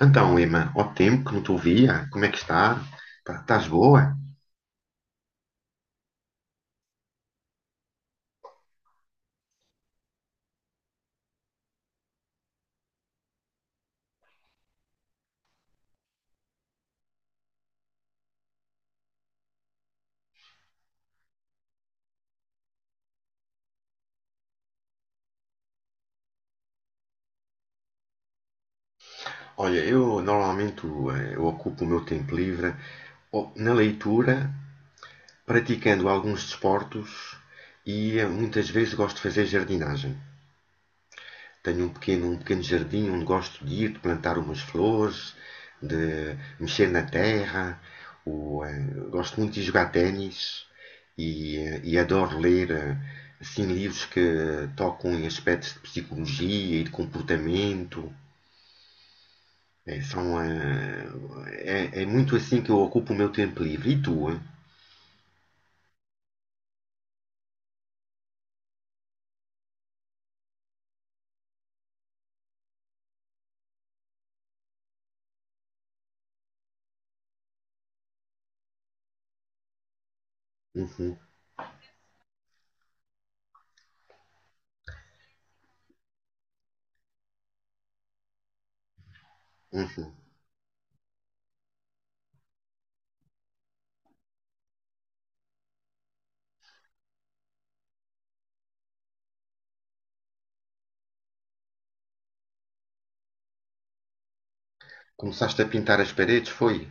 Então, Emma, ao tempo que não te ouvia, como é que está? Pá, estás boa? Olha, eu normalmente eu ocupo o meu tempo livre na leitura, praticando alguns desportos e muitas vezes gosto de fazer jardinagem. Tenho um pequeno jardim onde gosto de ir, de plantar umas flores, de mexer na terra. Gosto muito de jogar ténis e adoro ler, assim, livros que tocam em aspectos de psicologia e de comportamento. É, são, eh, é muito assim que eu ocupo o meu tempo livre. E tu? Eh? Uhum, uhum. Começaste a pintar as paredes, foi?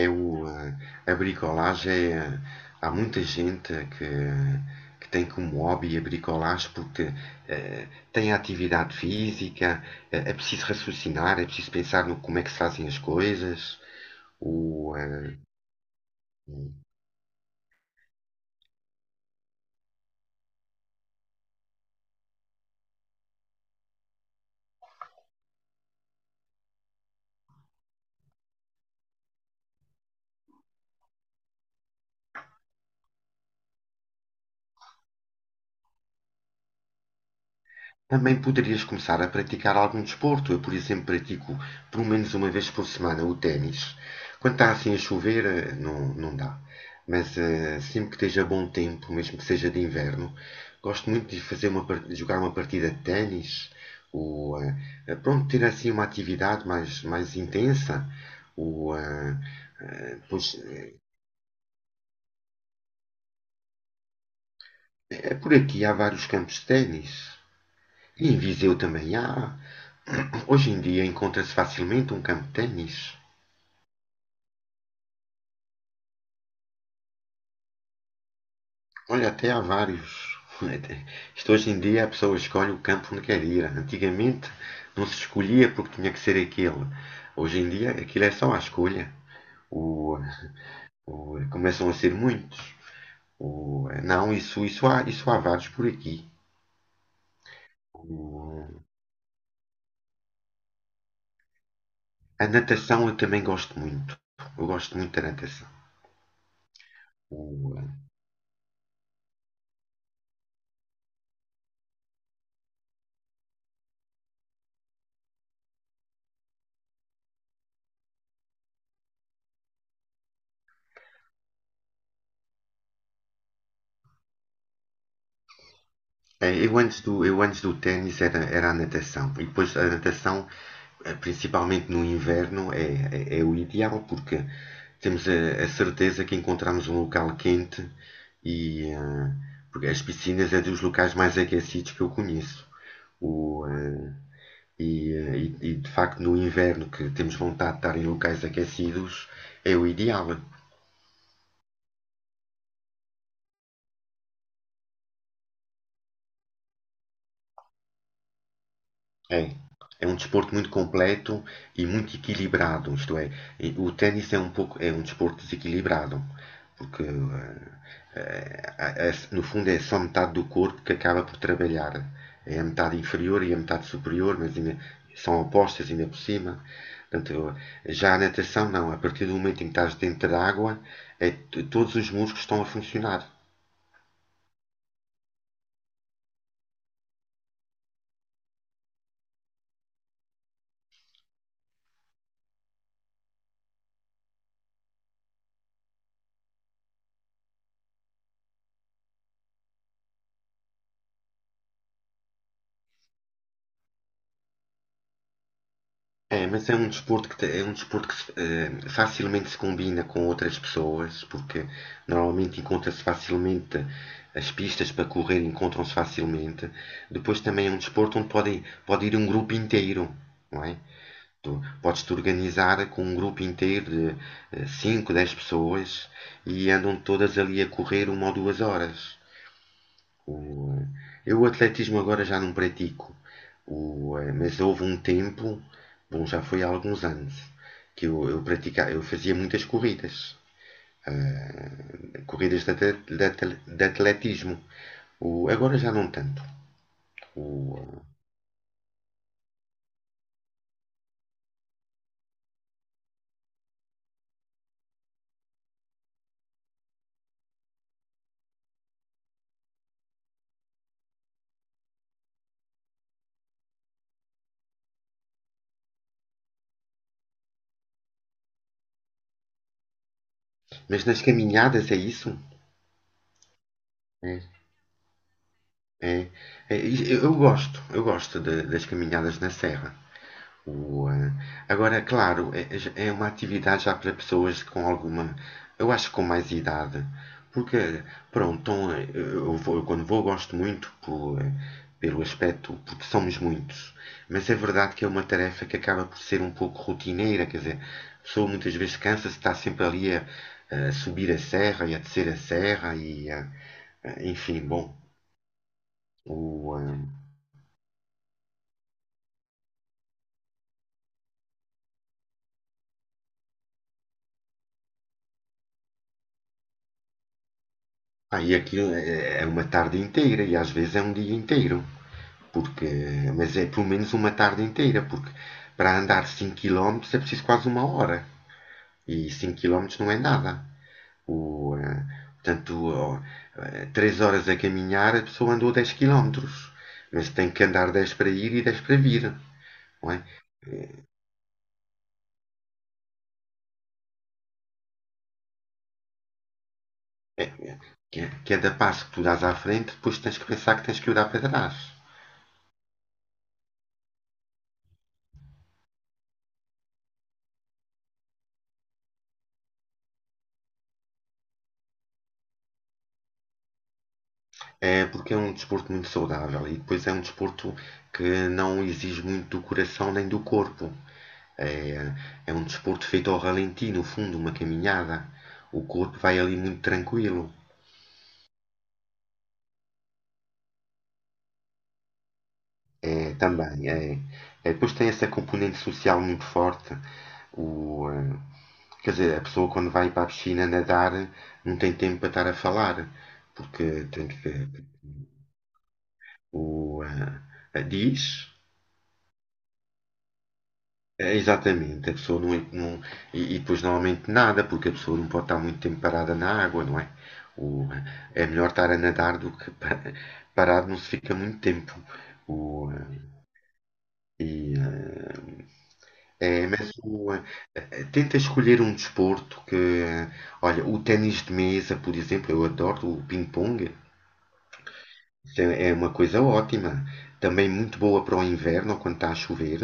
É o, eh, a bricolagem é. Há muita gente que tem como hobby a bricolagem porque eh, tem atividade física, é preciso raciocinar, é preciso pensar no como é que se fazem as coisas. O, eh, Também poderias começar a praticar algum desporto. Eu, por exemplo, pratico pelo menos uma vez por semana o ténis. Quando está assim a chover, não, não dá. Mas sempre que esteja bom tempo, mesmo que seja de inverno, gosto muito de fazer de jogar uma partida de ténis ou pronto, ter assim uma atividade mais intensa. Ou, eh, pois, é por aqui há vários campos de ténis. E em Viseu também há. Hoje em dia encontra-se facilmente um campo de ténis. Olha, até há vários. Isto hoje em dia a pessoa escolhe o campo onde quer ir. Antigamente não se escolhia porque tinha que ser aquele. Hoje em dia aquilo é só a escolha. O, Começam a ser muitos. Não, isso, isso há vários por aqui. O- a natação eu também gosto muito. Eu gosto muito da natação. O- Eu antes do ténis era a natação. E depois a natação, principalmente no inverno, é o ideal porque temos a certeza que encontramos um local quente e porque as piscinas é dos locais mais aquecidos que eu conheço. O, eh, e, eh, e, De facto no inverno que temos vontade de estar em locais aquecidos é o ideal. É, é um desporto muito completo e muito equilibrado, isto é, e o ténis é um pouco, é um desporto desequilibrado, porque eh, a- no fundo é só metade do corpo que acaba por trabalhar. É a metade inferior e a metade superior, mas ainda são opostas ainda por cima. Portanto, já a natação não, a partir do momento em que estás dentro da água, todos os músculos estão a funcionar. É, mas é um desporto que facilmente se combina com outras pessoas, porque normalmente encontra-se facilmente as pistas para correr, encontram-se facilmente. Depois também é um desporto onde pode ir um grupo inteiro, não é? Tu podes te organizar com um grupo inteiro de 5, 10 pessoas e andam todas ali a correr uma ou duas horas. O, eh, eu o atletismo agora já não pratico, mas houve um tempo, bom, já foi há alguns anos, que eu praticava, eu fazia muitas corridas, corridas de, de de atletismo. Agora já não tanto. O, mas nas caminhadas é isso? É, é, é, eu gosto das caminhadas na serra. Boa. Agora, claro, é uma atividade já para pessoas com alguma, eu acho que com mais idade, porque, pronto, então, eu quando vou gosto muito pelo aspecto, porque somos muitos, mas é verdade que é uma tarefa que acaba por ser um pouco rotineira, quer dizer, a pessoa muitas vezes cansa-se, está sempre ali a subir a serra e a descer a serra e enfim, bom, o, eh, e aquilo é uma tarde inteira e às vezes é um dia inteiro. Porque, mas é pelo menos uma tarde inteira, porque para andar 5 quilómetros é preciso quase uma hora. E 5 quilómetros não é nada. O, eh, Portanto, 3 horas a caminhar, a pessoa andou 10 quilómetros. Mas tem que andar 10 para ir e 10 para vir. Não é? É- é- Cada passo que tu dás à frente, depois tens que pensar que tens que olhar para trás. É porque é um desporto muito saudável e depois é um desporto que não exige muito do coração nem do corpo. É, é um desporto feito ao ralenti, no fundo, uma caminhada. O corpo vai ali muito tranquilo. É, também, é. É, depois tem essa componente social muito forte. O, eh, Quer dizer, a pessoa quando vai para a piscina nadar não tem tempo para estar a falar, porque tem que. O, Diz. É, exatamente, a pessoa não, e depois normalmente nada, porque a pessoa não pode estar muito tempo parada na água, não é? O, É melhor estar a nadar do que parado não se fica muito tempo. O, eh, e, eh, é, mas o, eh, eh, Tenta escolher um desporto que, olha, o ténis de mesa, por exemplo, eu adoro o ping-pong. Isso é uma coisa ótima, também muito boa para o inverno ou quando está a chover.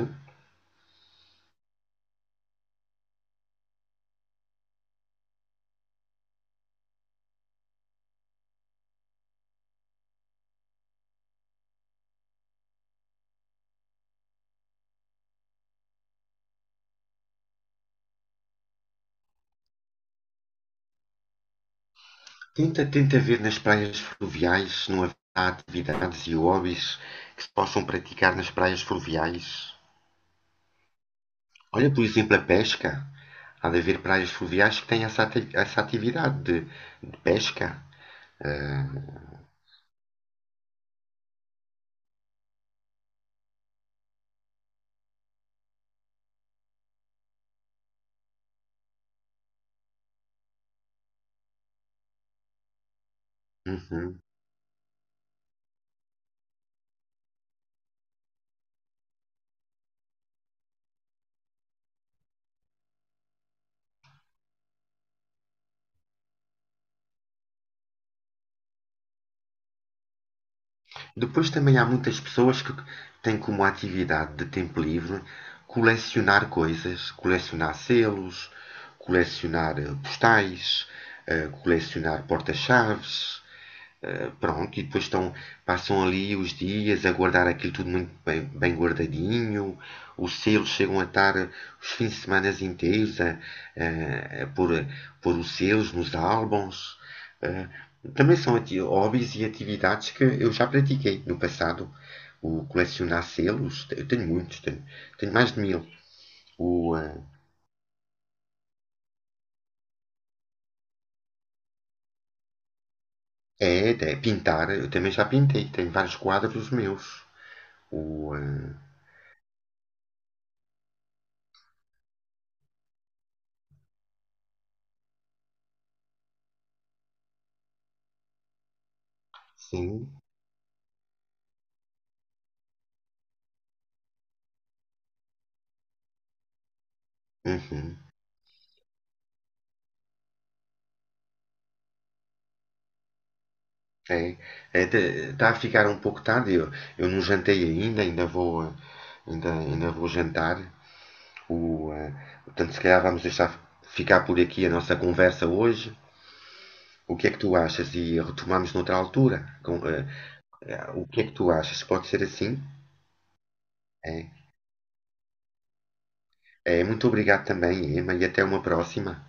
Tenta ver nas praias fluviais se não haverá atividades e hobbies que se possam praticar nas praias fluviais. Olha, por exemplo, a pesca. Há de haver praias fluviais que têm essa atividade de, pesca. Uhum. Depois também há muitas pessoas que têm como atividade de tempo livre colecionar coisas, colecionar selos, colecionar postais, colecionar porta-chaves. Pronto, e depois estão, passam ali os dias a guardar aquilo tudo muito bem, bem guardadinho. Os selos chegam a estar os fins de semana inteiros a, a pôr os selos nos álbuns. Também são hobbies e atividades que eu já pratiquei no passado. O colecionar selos, eu tenho muitos, tenho mais de 1.000. O, uh, É, é, pintar, eu também já pintei, tenho vários quadros meus. O, uh, sim, uhum. É, está a ficar um pouco tarde. Eu não jantei ainda, ainda vou jantar. O, eh, Portanto, se calhar vamos deixar ficar por aqui a nossa conversa hoje. O que é que tu achas? E retomamos noutra altura. O que é que tu achas? Pode ser assim? É, é, muito obrigado também, Emma, e até uma próxima.